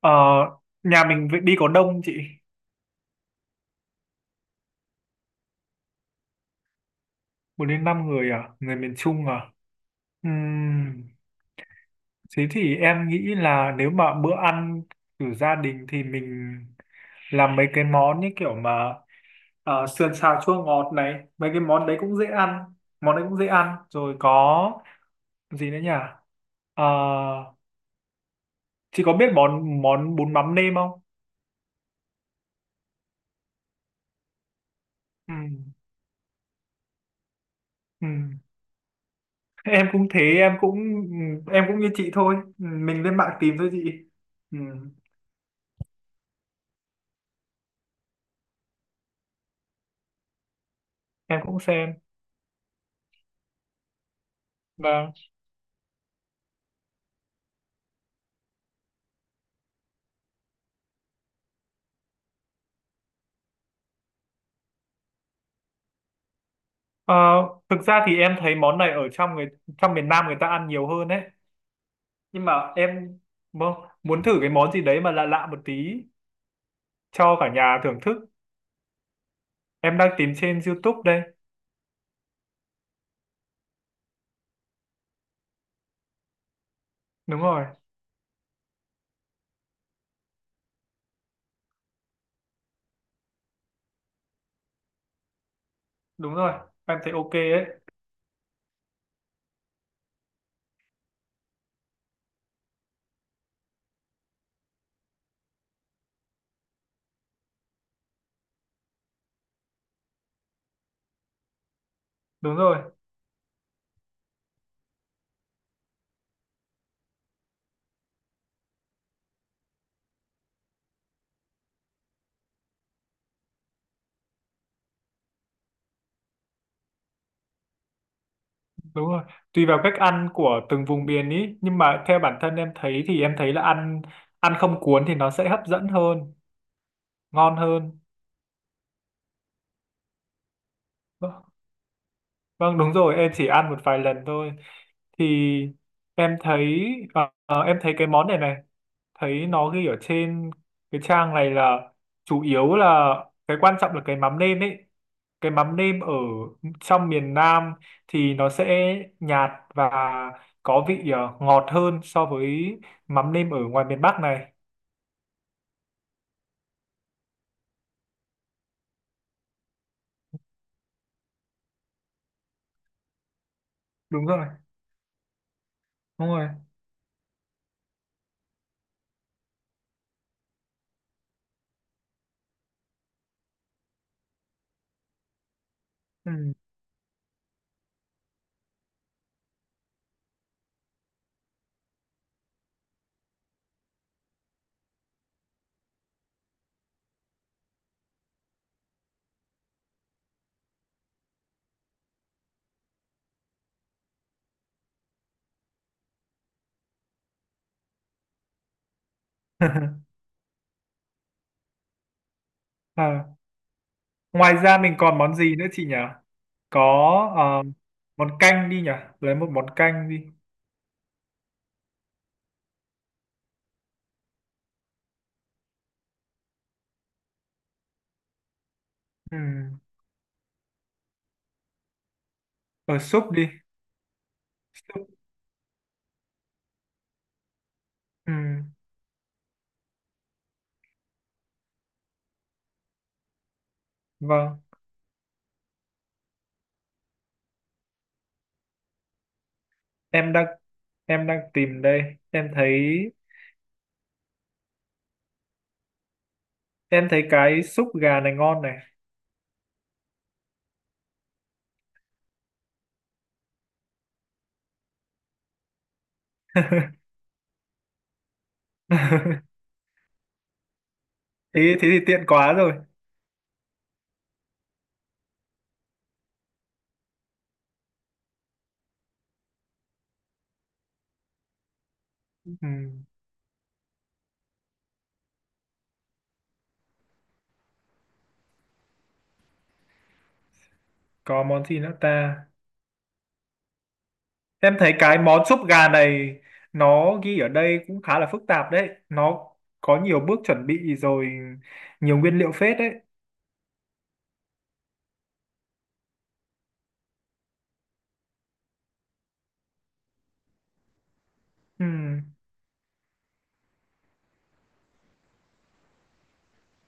Ờ, Nhà mình vậy đi, có đông chị? 4 đến 5 người à? Người miền Trung à? Ừm, Thế thì em nghĩ là nếu mà bữa ăn của gia đình thì mình làm mấy cái món như kiểu mà sườn xào chua ngọt này, mấy cái món đấy cũng dễ ăn, món đấy cũng dễ ăn rồi. Có gì nữa nhỉ? Ờ, chị có biết món món bún mắm nêm không? Ừm, ừm. Em cũng thế, em cũng như chị thôi, mình lên mạng tìm thôi chị. Ừ. Em cũng xem. Vâng. Ờ, Thực ra thì em thấy món này ở trong miền Nam, người ta ăn nhiều hơn đấy, nhưng mà em muốn thử cái món gì đấy mà lạ lạ một tí cho cả nhà thưởng thức. Em đang tìm trên YouTube đây. Đúng rồi. Đúng rồi, em thấy ok ấy. Đúng rồi. Đúng rồi, tùy vào cách ăn của từng vùng miền ý, nhưng mà theo bản thân em thấy thì em thấy là ăn ăn không cuốn thì nó sẽ hấp dẫn hơn, ngon hơn. Vâng. Vâng, đúng rồi, em chỉ ăn một vài lần thôi, thì em thấy em thấy cái món này này thấy nó ghi ở trên cái trang này là chủ yếu là cái quan trọng là cái mắm nêm ấy, cái mắm nêm ở trong miền Nam thì nó sẽ nhạt và có vị ngọt hơn so với mắm nêm ở ngoài miền Bắc này. Đúng rồi. Đúng rồi. Ừ. À, ngoài ra mình còn món gì nữa chị nhỉ? Có ờ, món canh đi nhỉ, lấy một món canh đi. Ừ. Ở súp đi. Súp. Ừ, vâng. Em đang em đang tìm đây. Em thấy em thấy cái súp gà này ngon này. Thế thế thì tiện quá rồi. Ừ, có món gì nữa ta? Em thấy cái món súp gà này nó ghi ở đây cũng khá là phức tạp đấy. Nó có nhiều bước chuẩn bị rồi nhiều nguyên liệu phết đấy. Ừ.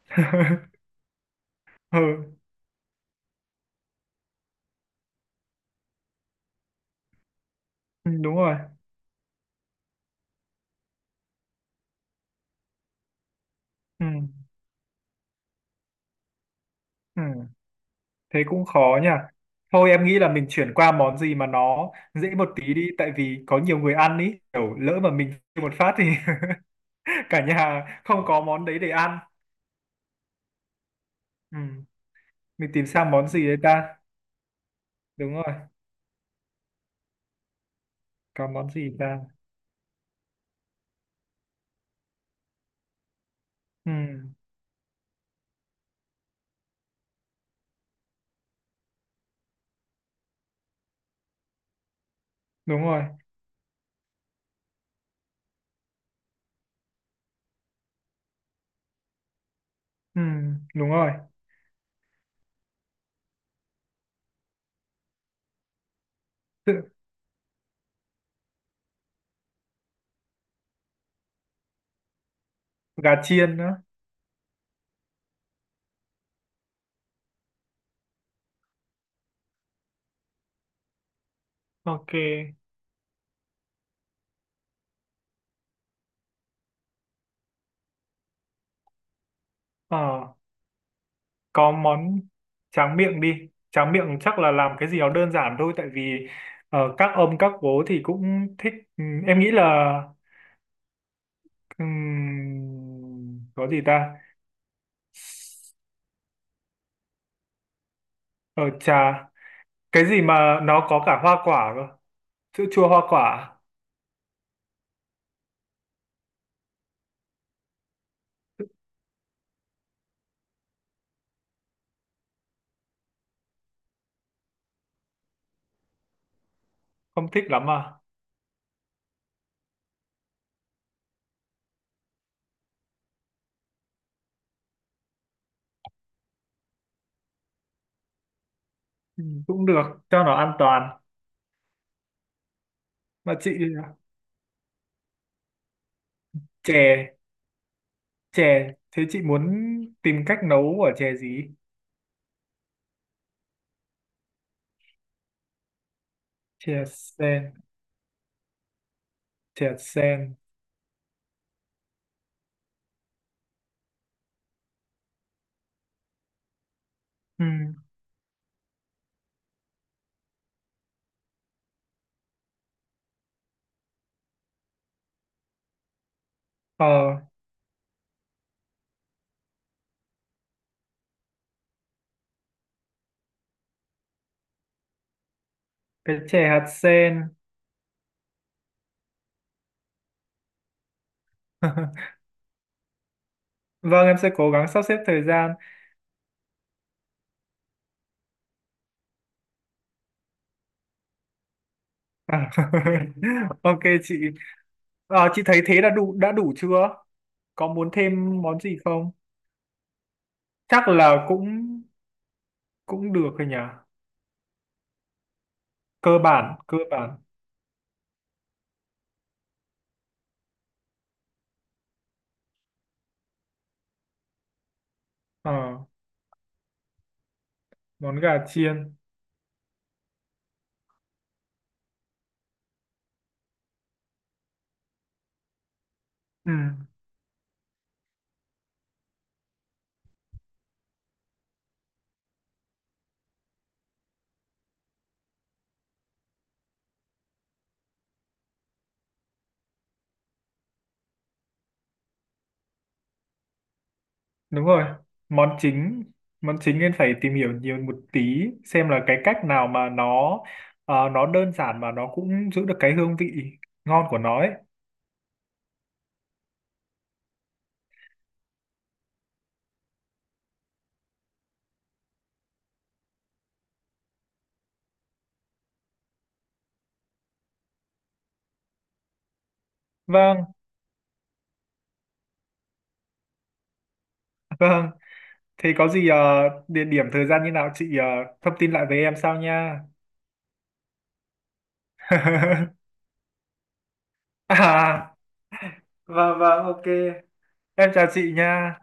Ừ, ừ, đúng rồi. Ừ. Ừ. Thế cũng khó nha, thôi em nghĩ là mình chuyển qua món gì mà nó dễ một tí đi, tại vì có nhiều người ăn ý, kiểu lỡ mà mình kêu một phát thì cả nhà không có món đấy để ăn. Ừ. Mình tìm sang món gì đấy ta, đúng rồi, có món gì ta? Ừ. Đúng rồi. Ừ. Đúng rồi. Tự- Gà chiên nữa, ok, ờ có món tráng miệng đi, tráng miệng chắc là làm cái gì nó đơn giản thôi, tại vì các ông các bố thì cũng thích. Ừ, em nghĩ là. Có gì ta? Ờ trà, cái gì mà nó có cả hoa quả cơ? Sữa chua hoa quả, không thích lắm à? Ừ, cũng được, cho nó an toàn. Mà chị chè, chè, thế chị muốn tìm cách nấu ở chè gì? Chè sen, chè hạt sen. Ừm, Ờ, cái chè hạt sen. Vâng, em sẽ cố gắng sắp xếp thời gian. À, ok chị. Chị thấy thế là đã đủ chưa, có muốn thêm món gì không? Chắc là cũng cũng được rồi nhỉ. Cơ bản, cơ bản. Ờ, Món gà chiên. Ừ, đúng rồi. Món chính món chính nên phải tìm hiểu nhiều một tí xem là cái cách nào mà nó nó đơn giản mà nó cũng giữ được cái hương vị ngon của nó ấy. Vâng, thế có gì địa điểm thời gian như nào chị thông tin lại với em sau nha. À, vâng vâng, ok. Em chào chị nha.